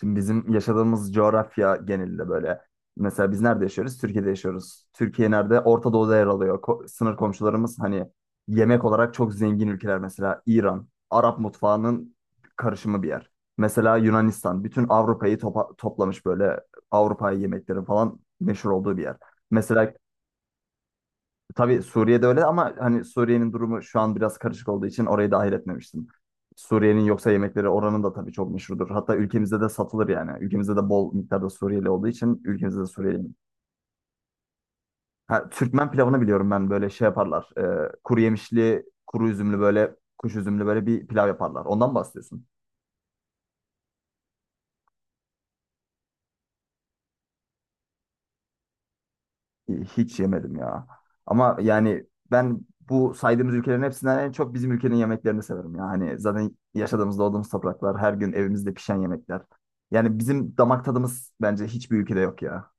Şimdi bizim yaşadığımız coğrafya genelinde böyle. Mesela biz nerede yaşıyoruz? Türkiye'de yaşıyoruz. Türkiye nerede? Orta Doğu'da yer alıyor. Sınır komşularımız hani yemek olarak çok zengin ülkeler mesela İran, Arap mutfağının karışımı bir yer. Mesela Yunanistan, bütün Avrupa'yı toplamış böyle Avrupa yemeklerin falan meşhur olduğu bir yer. Mesela. Tabii Suriye'de öyle ama hani Suriye'nin durumu şu an biraz karışık olduğu için orayı dahil etmemiştim. Suriye'nin yoksa yemekleri oranın da tabii çok meşhurdur. Hatta ülkemizde de satılır yani. Ülkemizde de bol miktarda Suriyeli olduğu için ülkemizde de Suriyeli. Ha, Türkmen pilavını biliyorum ben böyle şey yaparlar. Kuru yemişli, kuru üzümlü böyle kuş üzümlü böyle bir pilav yaparlar. Ondan mı bahsediyorsun? Hiç yemedim ya. Ama yani ben bu saydığımız ülkelerin hepsinden en çok bizim ülkenin yemeklerini severim ya. Hani zaten yaşadığımız, doğduğumuz topraklar, her gün evimizde pişen yemekler. Yani bizim damak tadımız bence hiçbir ülkede yok ya.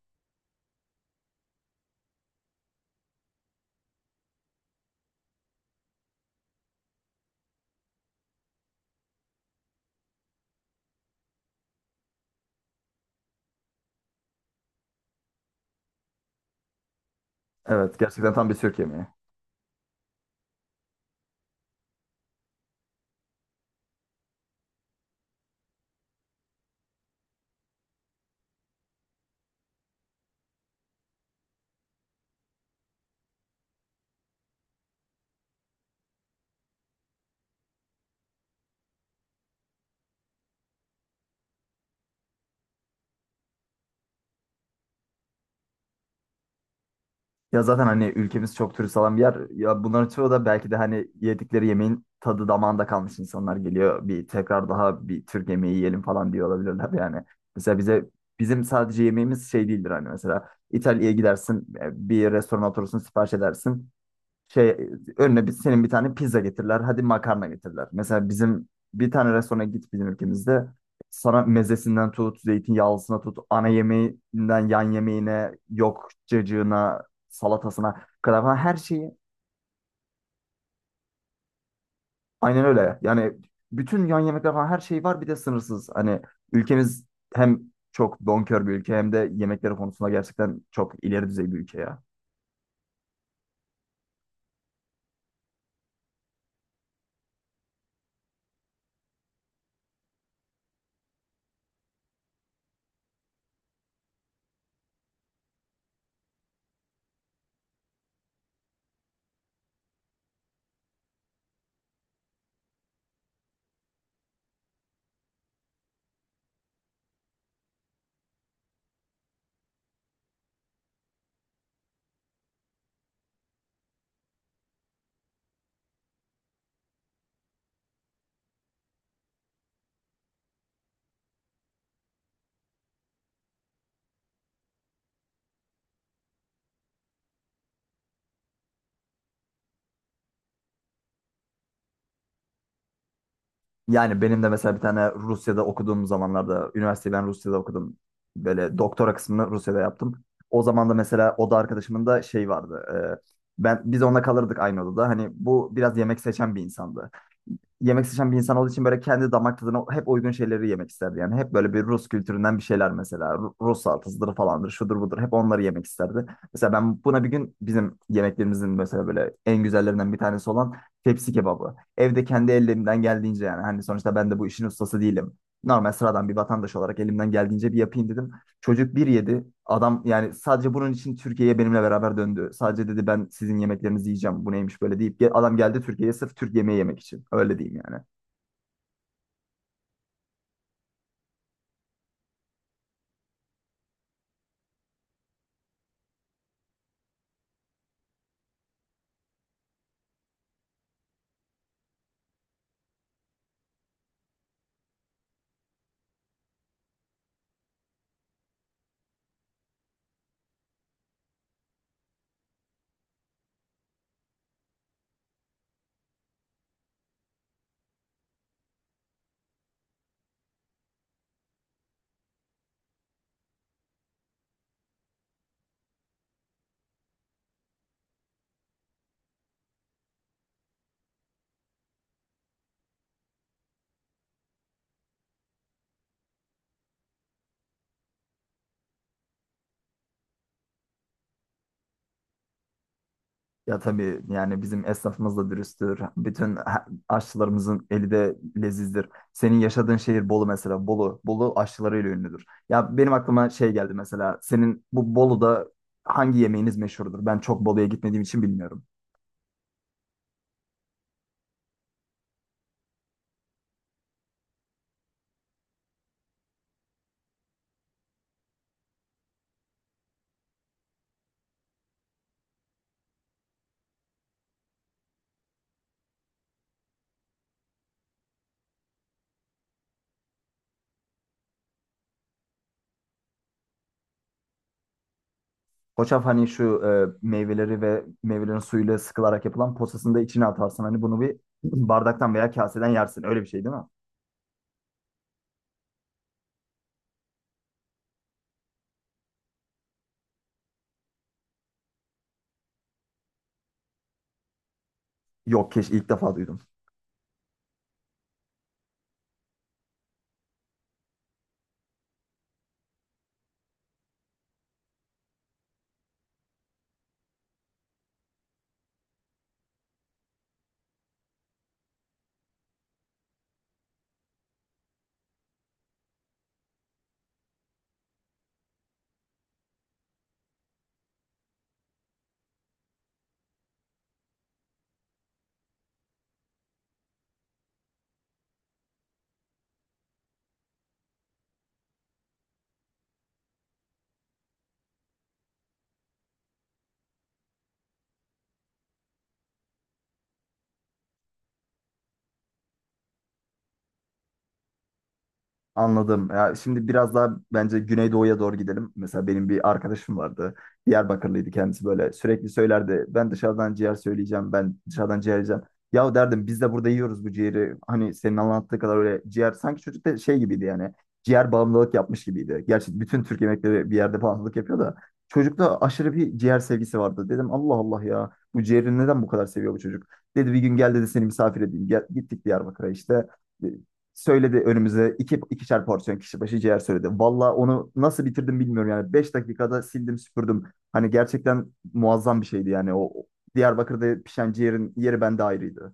Evet, gerçekten tam bir Türk yemeği. Ya zaten hani ülkemiz çok turist alan bir yer. Ya bunların çoğu da belki de hani yedikleri yemeğin tadı damağında kalmış insanlar geliyor. Bir tekrar daha bir Türk yemeği yiyelim falan diyor olabilirler yani. Mesela bizim sadece yemeğimiz şey değildir hani mesela İtalya'ya gidersin bir restorana oturursun sipariş edersin şey önüne bir, senin bir tane pizza getirirler. Hadi makarna getirirler. Mesela bizim bir tane restorana git bizim ülkemizde sana mezesinden tut, zeytinyağlısına tut, ana yemeğinden yan yemeğine, yok cacığına, salatasına kadar falan her şeyi. Aynen öyle. Yani bütün yan yemekler falan her şey var bir de sınırsız. Hani ülkemiz hem çok bonkör bir ülke hem de yemekleri konusunda gerçekten çok ileri düzey bir ülke ya. Yani benim de mesela bir tane Rusya'da okuduğum zamanlarda, üniversiteyi ben Rusya'da okudum. Böyle doktora kısmını Rusya'da yaptım. O zaman da mesela oda arkadaşımın da şey vardı. E, ben Biz onunla kalırdık aynı odada. Hani bu biraz yemek seçen bir insandı yemek seçen bir insan olduğu için böyle kendi damak tadına hep uygun şeyleri yemek isterdi. Yani hep böyle bir Rus kültüründen bir şeyler mesela. Rus salatasıdır falandır, şudur budur. Hep onları yemek isterdi. Mesela ben buna bir gün bizim yemeklerimizin mesela böyle en güzellerinden bir tanesi olan tepsi kebabı. Evde kendi ellerimden geldiğince yani hani sonuçta ben de bu işin ustası değilim. Normal sıradan bir vatandaş olarak elimden geldiğince bir yapayım dedim. Çocuk bir yedi. Adam yani sadece bunun için Türkiye'ye benimle beraber döndü. Sadece dedi ben sizin yemeklerinizi yiyeceğim. Bu neymiş böyle deyip adam geldi Türkiye'ye sırf Türk yemeği yemek için. Öyle diyeyim yani. Ya tabii yani bizim esnafımız da dürüsttür. Bütün aşçılarımızın eli de lezizdir. Senin yaşadığın şehir Bolu mesela. Bolu, Bolu aşçılarıyla ünlüdür. Ya benim aklıma şey geldi mesela. Senin bu Bolu'da hangi yemeğiniz meşhurdur? Ben çok Bolu'ya gitmediğim için bilmiyorum. Koçaf hani şu meyveleri ve meyvelerin suyuyla sıkılarak yapılan posasını da içine atarsın. Hani bunu bir bardaktan veya kaseden yersin. Öyle bir şey değil mi? Yok, keş ilk defa duydum. Anladım. Ya şimdi biraz daha bence Güneydoğu'ya doğru gidelim. Mesela benim bir arkadaşım vardı. Diyarbakırlıydı kendisi böyle. Sürekli söylerdi. Ben dışarıdan ciğer söyleyeceğim. Ben dışarıdan ciğer yiyeceğim. Ya derdim biz de burada yiyoruz bu ciğeri. Hani senin anlattığı kadar öyle ciğer. Sanki çocuk da şey gibiydi yani. Ciğer bağımlılık yapmış gibiydi. Gerçi bütün Türk yemekleri bir yerde bağımlılık yapıyor da. Çocukta aşırı bir ciğer sevgisi vardı. Dedim Allah Allah ya. Bu ciğeri neden bu kadar seviyor bu çocuk? Dedi bir gün gel dedi seni misafir edeyim. Gel, gittik Diyarbakır'a işte söyledi önümüze 2'şer porsiyon kişi başı ciğer söyledi. Valla onu nasıl bitirdim bilmiyorum yani. 5 dakikada sildim süpürdüm. Hani gerçekten muazzam bir şeydi yani. O Diyarbakır'da pişen ciğerin yeri bende ayrıydı.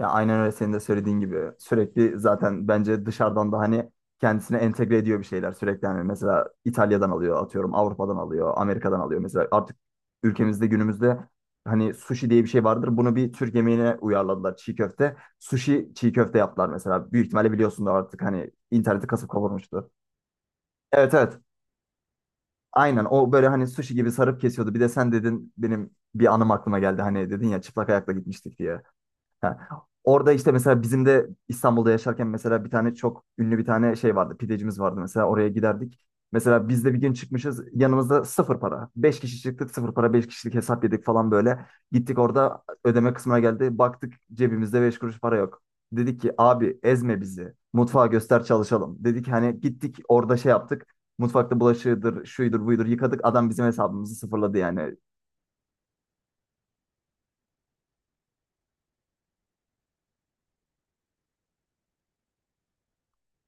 Ya aynen öyle senin de söylediğin gibi sürekli zaten bence dışarıdan da hani kendisine entegre ediyor bir şeyler sürekli hani mesela İtalya'dan alıyor atıyorum Avrupa'dan alıyor Amerika'dan alıyor mesela artık ülkemizde günümüzde hani sushi diye bir şey vardır bunu bir Türk yemeğine uyarladılar çiğ köfte sushi çiğ köfte yaptılar mesela büyük ihtimalle biliyorsun da artık hani interneti kasıp kavurmuştu. Evet, evet, aynen o böyle hani sushi gibi sarıp kesiyordu bir de sen dedin benim bir anım aklıma geldi hani dedin ya çıplak ayakla gitmiştik diye. Ha. Orada işte mesela bizim de İstanbul'da yaşarken mesela bir tane çok ünlü bir tane şey vardı. Pidecimiz vardı mesela oraya giderdik. Mesela biz de bir gün çıkmışız yanımızda sıfır para. Beş kişi çıktık sıfır para beş kişilik hesap yedik falan böyle. Gittik orada ödeme kısmına geldi. Baktık cebimizde 5 kuruş para yok. Dedik ki abi ezme bizi. Mutfağa göster çalışalım. Dedik hani gittik orada şey yaptık. Mutfakta bulaşığıdır, şuydur, buydur yıkadık. Adam bizim hesabımızı sıfırladı yani.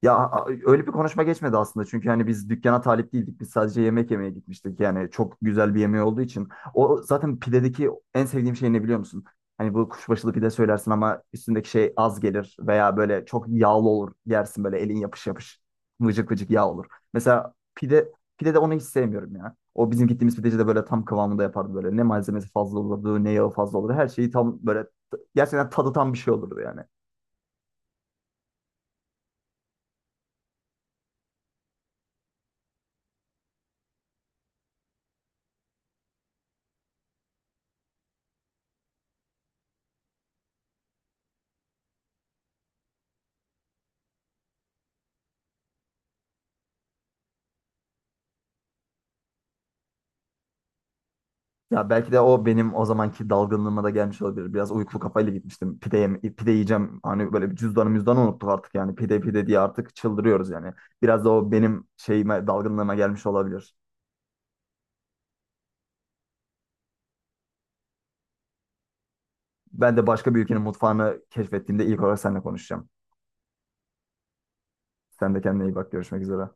Ya öyle bir konuşma geçmedi aslında çünkü hani biz dükkana talip değildik. Biz sadece yemek yemeye gitmiştik. Yani çok güzel bir yemeği olduğu için. O zaten pidedeki en sevdiğim şey ne biliyor musun? Hani bu kuşbaşılı pide söylersin ama üstündeki şey az gelir veya böyle çok yağlı olur. Yersin böyle elin yapış yapış. Vıcık vıcık yağ olur. Mesela pide de onu hiç sevmiyorum ya. O bizim gittiğimiz pideci de böyle tam kıvamında yapardı böyle. Ne malzemesi fazla olurdu, ne yağı fazla olurdu. Her şeyi tam böyle gerçekten tadı tam bir şey olurdu yani. Ya belki de o benim o zamanki dalgınlığıma da gelmiş olabilir. Biraz uykulu kafayla gitmiştim. Pide, pide yiyeceğim. Hani böyle bir cüzdanı müzdanı unuttuk artık yani. Pide pide diye artık çıldırıyoruz yani. Biraz da o benim şeyime, dalgınlığıma gelmiş olabilir. Ben de başka bir ülkenin mutfağını keşfettiğimde ilk olarak seninle konuşacağım. Sen de kendine iyi bak. Görüşmek üzere.